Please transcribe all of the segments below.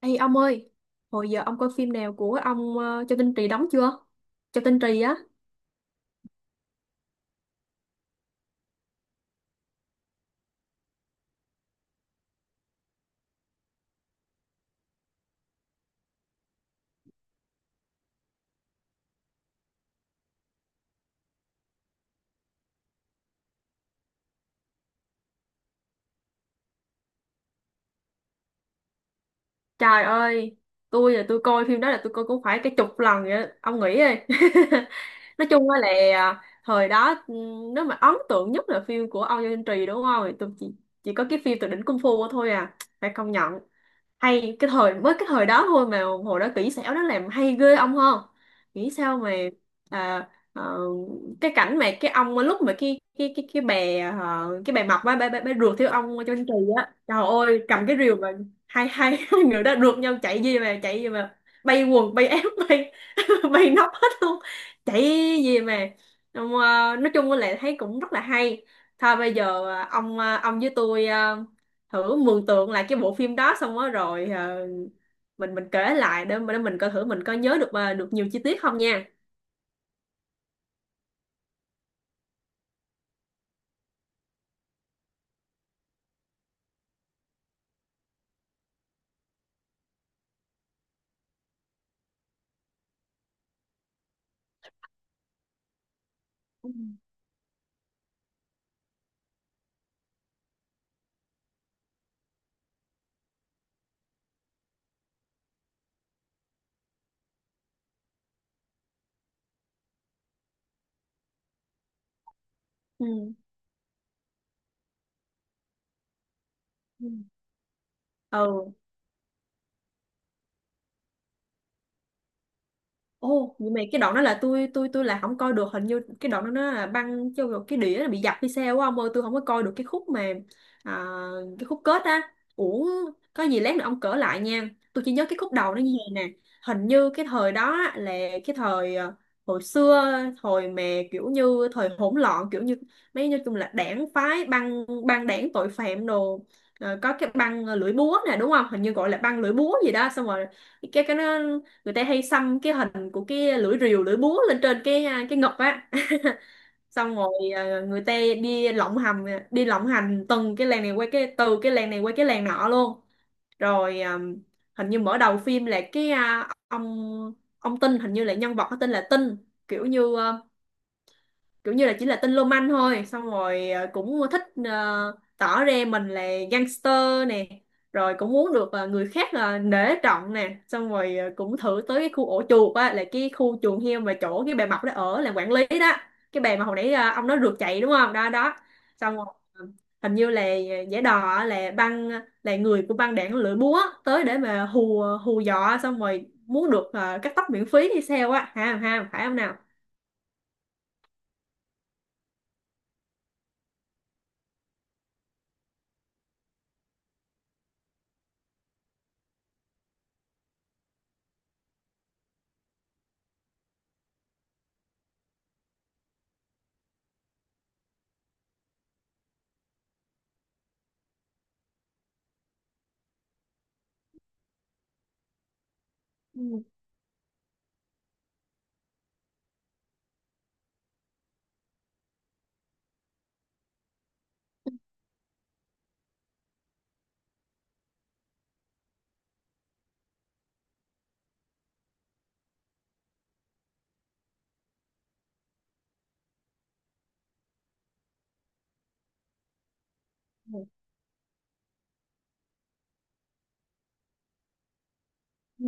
Ê ông ơi, hồi giờ ông coi phim nào của ông Châu Tinh Trì đóng chưa? Châu Tinh Trì á. Trời ơi, tôi coi phim đó là tôi coi cũng phải cái chục lần vậy á. Ông nghĩ đi. Nói chung á là thời đó, ừ, nếu mà ấn tượng nhất là phim của ông Châu Tinh Trì đúng không? Thì tôi chỉ có cái phim Tuyệt đỉnh Kung Fu thôi à. Phải công nhận. Hay cái thời mới cái thời đó thôi mà hồi đó kỹ xảo nó làm hay ghê, ông hơn nghĩ sao mà à, ờ, cái cảnh mà cái ông lúc mà cái bè mập á, bè rượt theo ông trên kỳ á, trời ơi, cầm cái rìu mà hai hai hai người đó rượt nhau, chạy gì mà bay quần bay áo, bay bay nóc hết luôn, chạy gì mà. Ờ, nói chung là thấy cũng rất là hay. Thôi bây giờ, ông với tôi, thử mường tượng lại cái bộ phim đó xong đó rồi, mình kể lại để mình coi thử mình có nhớ được, được nhiều chi tiết không nha. Ừ. Ừ. Ừ. Ừ. Ồ, nhưng mà cái đoạn đó là tôi là không coi được, hình như cái đoạn đó nó là băng cho cái đĩa nó bị dập hay sao á ông ơi, tôi không có coi được cái khúc mà à, cái khúc kết á. Ủa, có gì lát nữa ông cỡ lại nha, tôi chỉ nhớ cái khúc đầu nó như vậy nè. Hình như cái thời đó á, là cái thời, hồi xưa, thời mà kiểu như thời hỗn loạn, kiểu như mấy, nói chung là đảng phái, băng băng đảng tội phạm đồ. Ờ, có cái băng lưỡi búa nè đúng không, hình như gọi là băng lưỡi búa gì đó. Xong rồi cái nó người ta hay xăm cái hình của cái lưỡi rìu lưỡi búa lên trên cái, cái ngực á. Xong rồi, người ta đi lộng hành, đi lộng hành từng cái làng này qua từ cái làng này qua cái làng nọ luôn. Rồi hình như mở đầu phim là cái, ông Tinh, hình như là nhân vật có tên là Tinh, kiểu như à, kiểu như là chỉ là tên lô manh thôi. Xong rồi cũng thích, tỏ ra mình là gangster nè, rồi cũng muốn được, người khác, nể trọng nè. Xong rồi, cũng thử tới cái khu ổ chuột á, là cái khu chuồng heo mà chỗ cái bà Mập đó ở làm quản lý đó, cái bà mà hồi nãy ông nói rượt chạy đúng không, đó đó. Xong rồi hình như là giả đò á, là người của băng đảng lưỡi búa tới để mà hù hù dọa, xong rồi muốn được, cắt tóc miễn phí hay sao á, ha ha, phải không nào. Ừ. Ừ.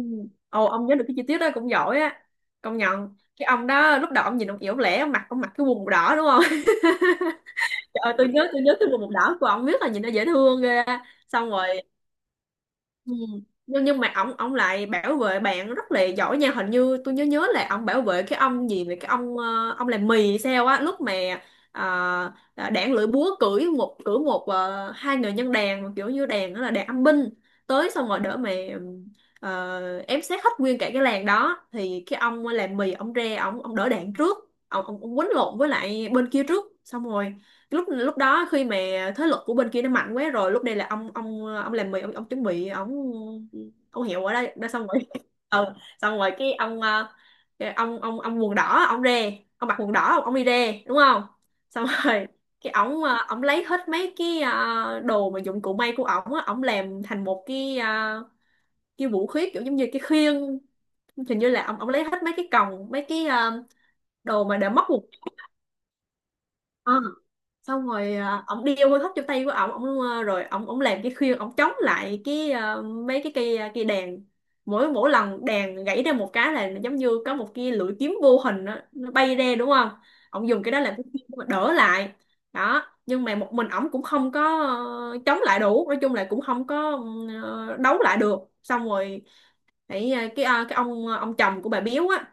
Ồ, ông nhớ được cái chi tiết đó cũng giỏi á, công nhận. Cái ông đó lúc đầu ông nhìn ông yếu lẻ, ông mặc cái quần màu đỏ đúng không. Trời ơi, tôi nhớ cái quần màu đỏ của ông, biết là nhìn nó dễ thương ghê á. Xong rồi. Ừ. Nhưng mà ông lại bảo vệ bạn rất là giỏi nha. Hình như tôi nhớ nhớ là ông bảo vệ cái ông gì vậy, cái ông, ông làm mì hay sao á, lúc mà uh, đảng lưỡi búa cưỡi một hai người nhân đàn mà kiểu như đàn đó là đàn âm binh, tới xong rồi đỡ mà ém xét hết nguyên cả cái làng đó. Thì cái ông làm mì ông ra, ông đỡ đạn trước, ông quýnh lộn với lại bên kia trước. Xong rồi lúc lúc đó khi mà thế lực của bên kia nó mạnh quá rồi, lúc đây là ông làm mì ông chuẩn bị ông hiệu ở đây đã. Xong rồi ừ, xong rồi cái ông, cái ông quần đỏ ông ra, ông mặc quần đỏ ông đi ra đúng không. Xong rồi cái ổng, ổng lấy hết mấy cái, đồ mà dụng cụ may của ổng á, ổng làm thành một cái, cái vũ khí kiểu giống như cái khiên. Hình như là ổng ổng lấy hết mấy cái còng, mấy cái, đồ mà để móc quần. Ờ, xong rồi ổng đi ông hơi hấp trong tay của ổng, rồi ổng ổng làm cái khuyên, ổng chống lại cái, mấy cái cây, cây đàn. Mỗi mỗi lần đàn gãy ra một cái là giống như có một cái lưỡi kiếm vô hình đó, nó bay ra đúng không. Ổng dùng cái đó làm cái khuyên để mà đỡ lại đó. Nhưng mà một mình ổng cũng không có, chống lại đủ, nói chung là cũng không có, đấu lại được. Xong rồi cái ông, ông chồng của bà Biếu á,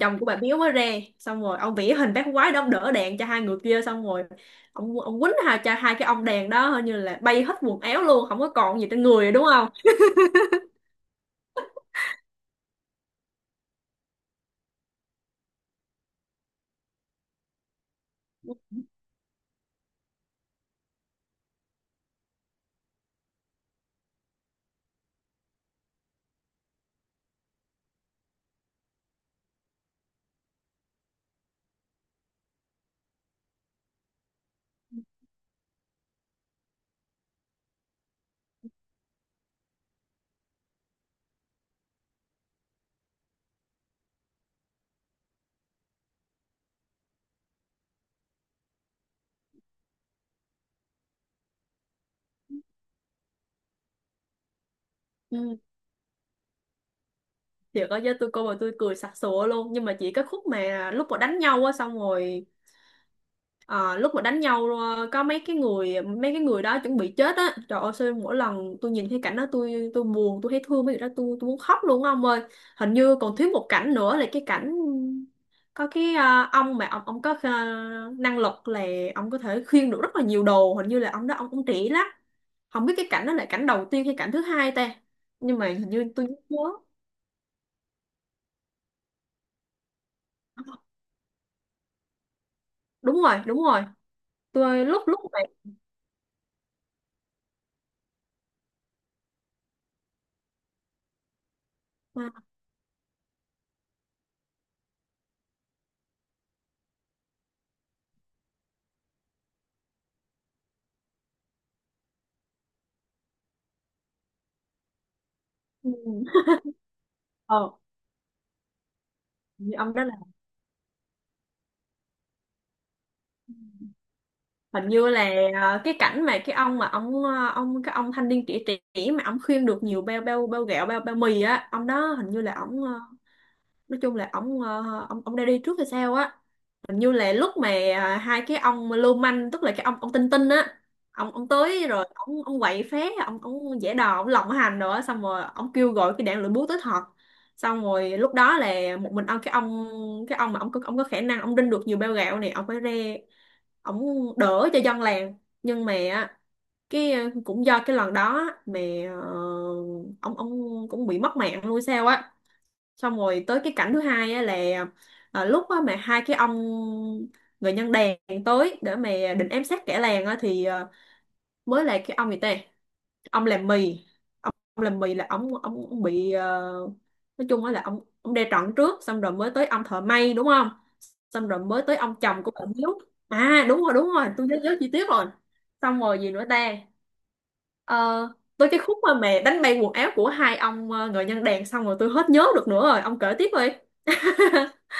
chồng của bà Biếu mới re. Xong rồi ông vẽ hình bác quái đó, ông đỡ đèn cho hai người kia. Xong rồi ông quýnh cho hai cái ông đèn đó, hình như là bay hết quần áo luôn không có còn gì trên người rồi, đúng không. Ừ. Thiệt có chứ, tôi coi mà tôi cười sặc sụa luôn, nhưng mà chỉ cái khúc mà lúc mà đánh nhau á. Xong rồi ờ, lúc mà đánh nhau, có mấy cái người, mấy cái người đó chuẩn bị chết á, trời ơi, sao mỗi lần tôi nhìn thấy cảnh đó tôi buồn, tôi thấy thương mấy người đó, tôi muốn khóc luôn á ông ơi. Hình như còn thiếu một cảnh nữa là cái cảnh có cái, ờ, ông mà ông có, năng lực là ông có thể khiêng được rất là nhiều đồ, hình như là ông đó ông cũng trẻ lắm. Không biết cái cảnh đó là cảnh đầu tiên hay cảnh thứ hai ta, nhưng mà hình như tôi nhớ đúng rồi, đúng rồi. Tôi lúc lúc này à, ừ, ờ như ông đó, hình như là, cái cảnh mà cái ông mà ông, cái ông thanh niên trẻ trẻ mà ông khuyên được nhiều bao bao bao gạo, bao bao mì á, ông đó hình như là ông, nói chung là ông, ông đã đi trước hay sao á. Hình như là lúc mà, hai cái ông lưu manh tức là cái ông, Tinh Tinh á, ông tới rồi ông quậy phá, ông giả đò ông lộng hành rồi á, xong rồi ông kêu gọi cái đạn lửa búa tới thật. Xong rồi lúc đó là một mình ông, cái ông cái ông mà ông có khả năng ông đinh được nhiều bao gạo này, ông phải ra ông đỡ cho dân làng. Nhưng mà á, cái, cũng do cái lần đó mà ờ, ông cũng bị mất mạng luôn sao á. Xong rồi tới cái cảnh thứ hai á, là lúc á mà hai cái ông người nhân đèn tới để mà định ám sát kẻ làng á, thì mới là cái ông gì ta, ông làm mì. Ông làm mì là ông bị, nói chung á là ông đe trọn trước. Xong rồi mới tới ông thợ may đúng không. Xong rồi mới tới ông chồng của bà Hiếu. À đúng rồi, đúng rồi, tôi nhớ nhớ chi tiết rồi. Xong rồi gì nữa ta. Ờ, tới cái khúc mà mẹ đánh bay quần áo của hai ông, người nhân đèn, xong rồi tôi hết nhớ được nữa rồi, ông kể tiếp đi.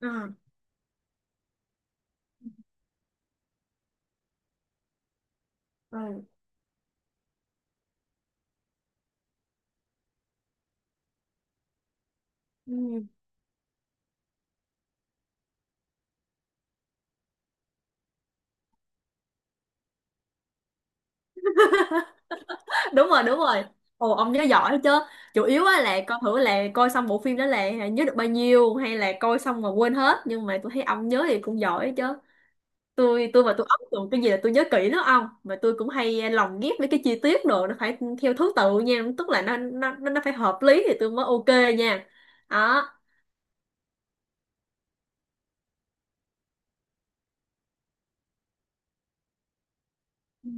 Ờ. Ừ. Đúng rồi, đúng rồi. Ồ, ông nhớ giỏi chứ. Chủ yếu á là coi thử là coi xong bộ phim đó là nhớ được bao nhiêu hay là coi xong mà quên hết, nhưng mà tôi thấy ông nhớ thì cũng giỏi chứ. Tôi mà tôi ấn tượng cái gì là tôi nhớ kỹ lắm ông, mà tôi cũng hay lồng ghép mấy cái chi tiết đồ nó phải theo thứ tự nha, tức là nó phải hợp lý thì tôi mới ok nha, đó. Ừ.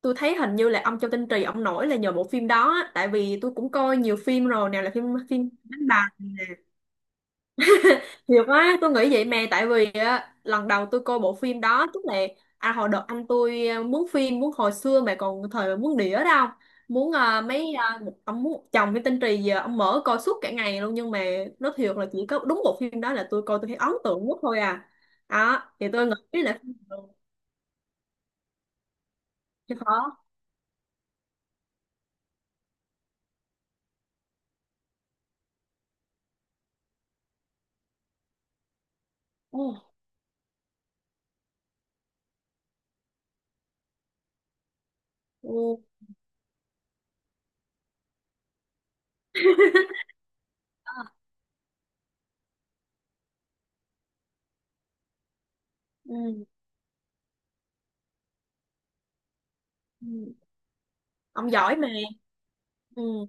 Tôi thấy hình như là ông Châu Tinh Trì ông nổi là nhờ bộ phim đó á, tại vì tôi cũng coi nhiều phim rồi, nào là phim phim đánh bạc. Thiệt quá, tôi nghĩ vậy mà. Tại vì á, lần đầu tôi coi bộ phim đó, tức là à, hồi đợt anh tôi, mướn phim, mướn hồi xưa mà còn thời mà mướn đĩa đó, không muốn à, mấy à, một- ông muốn chồng cái tên Trì, giờ ông mở coi suốt cả ngày luôn. Nhưng mà nó thiệt là chỉ có đúng bộ phim đó là tôi coi tôi thấy ấn tượng nhất thôi à. Đó thì tôi nghĩ là phim được chứ khó. Ừ. Ừ. Ừ. Ừ. Ông giỏi mà. Ừ.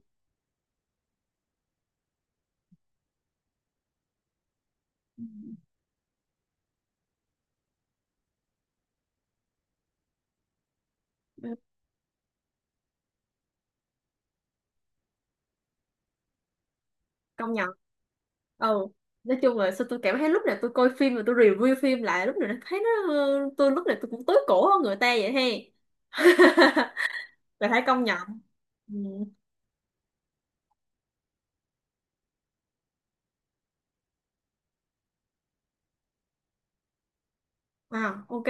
Ừ. Công nhận. Ừ. Nói chung là sao tôi cảm thấy lúc nào tôi coi phim mà tôi review phim lại, lúc nào nó thấy nó, tôi lúc nào tôi cũng tối cổ hơn người ta vậy he, là phải công nhận. Ừ. À, ok.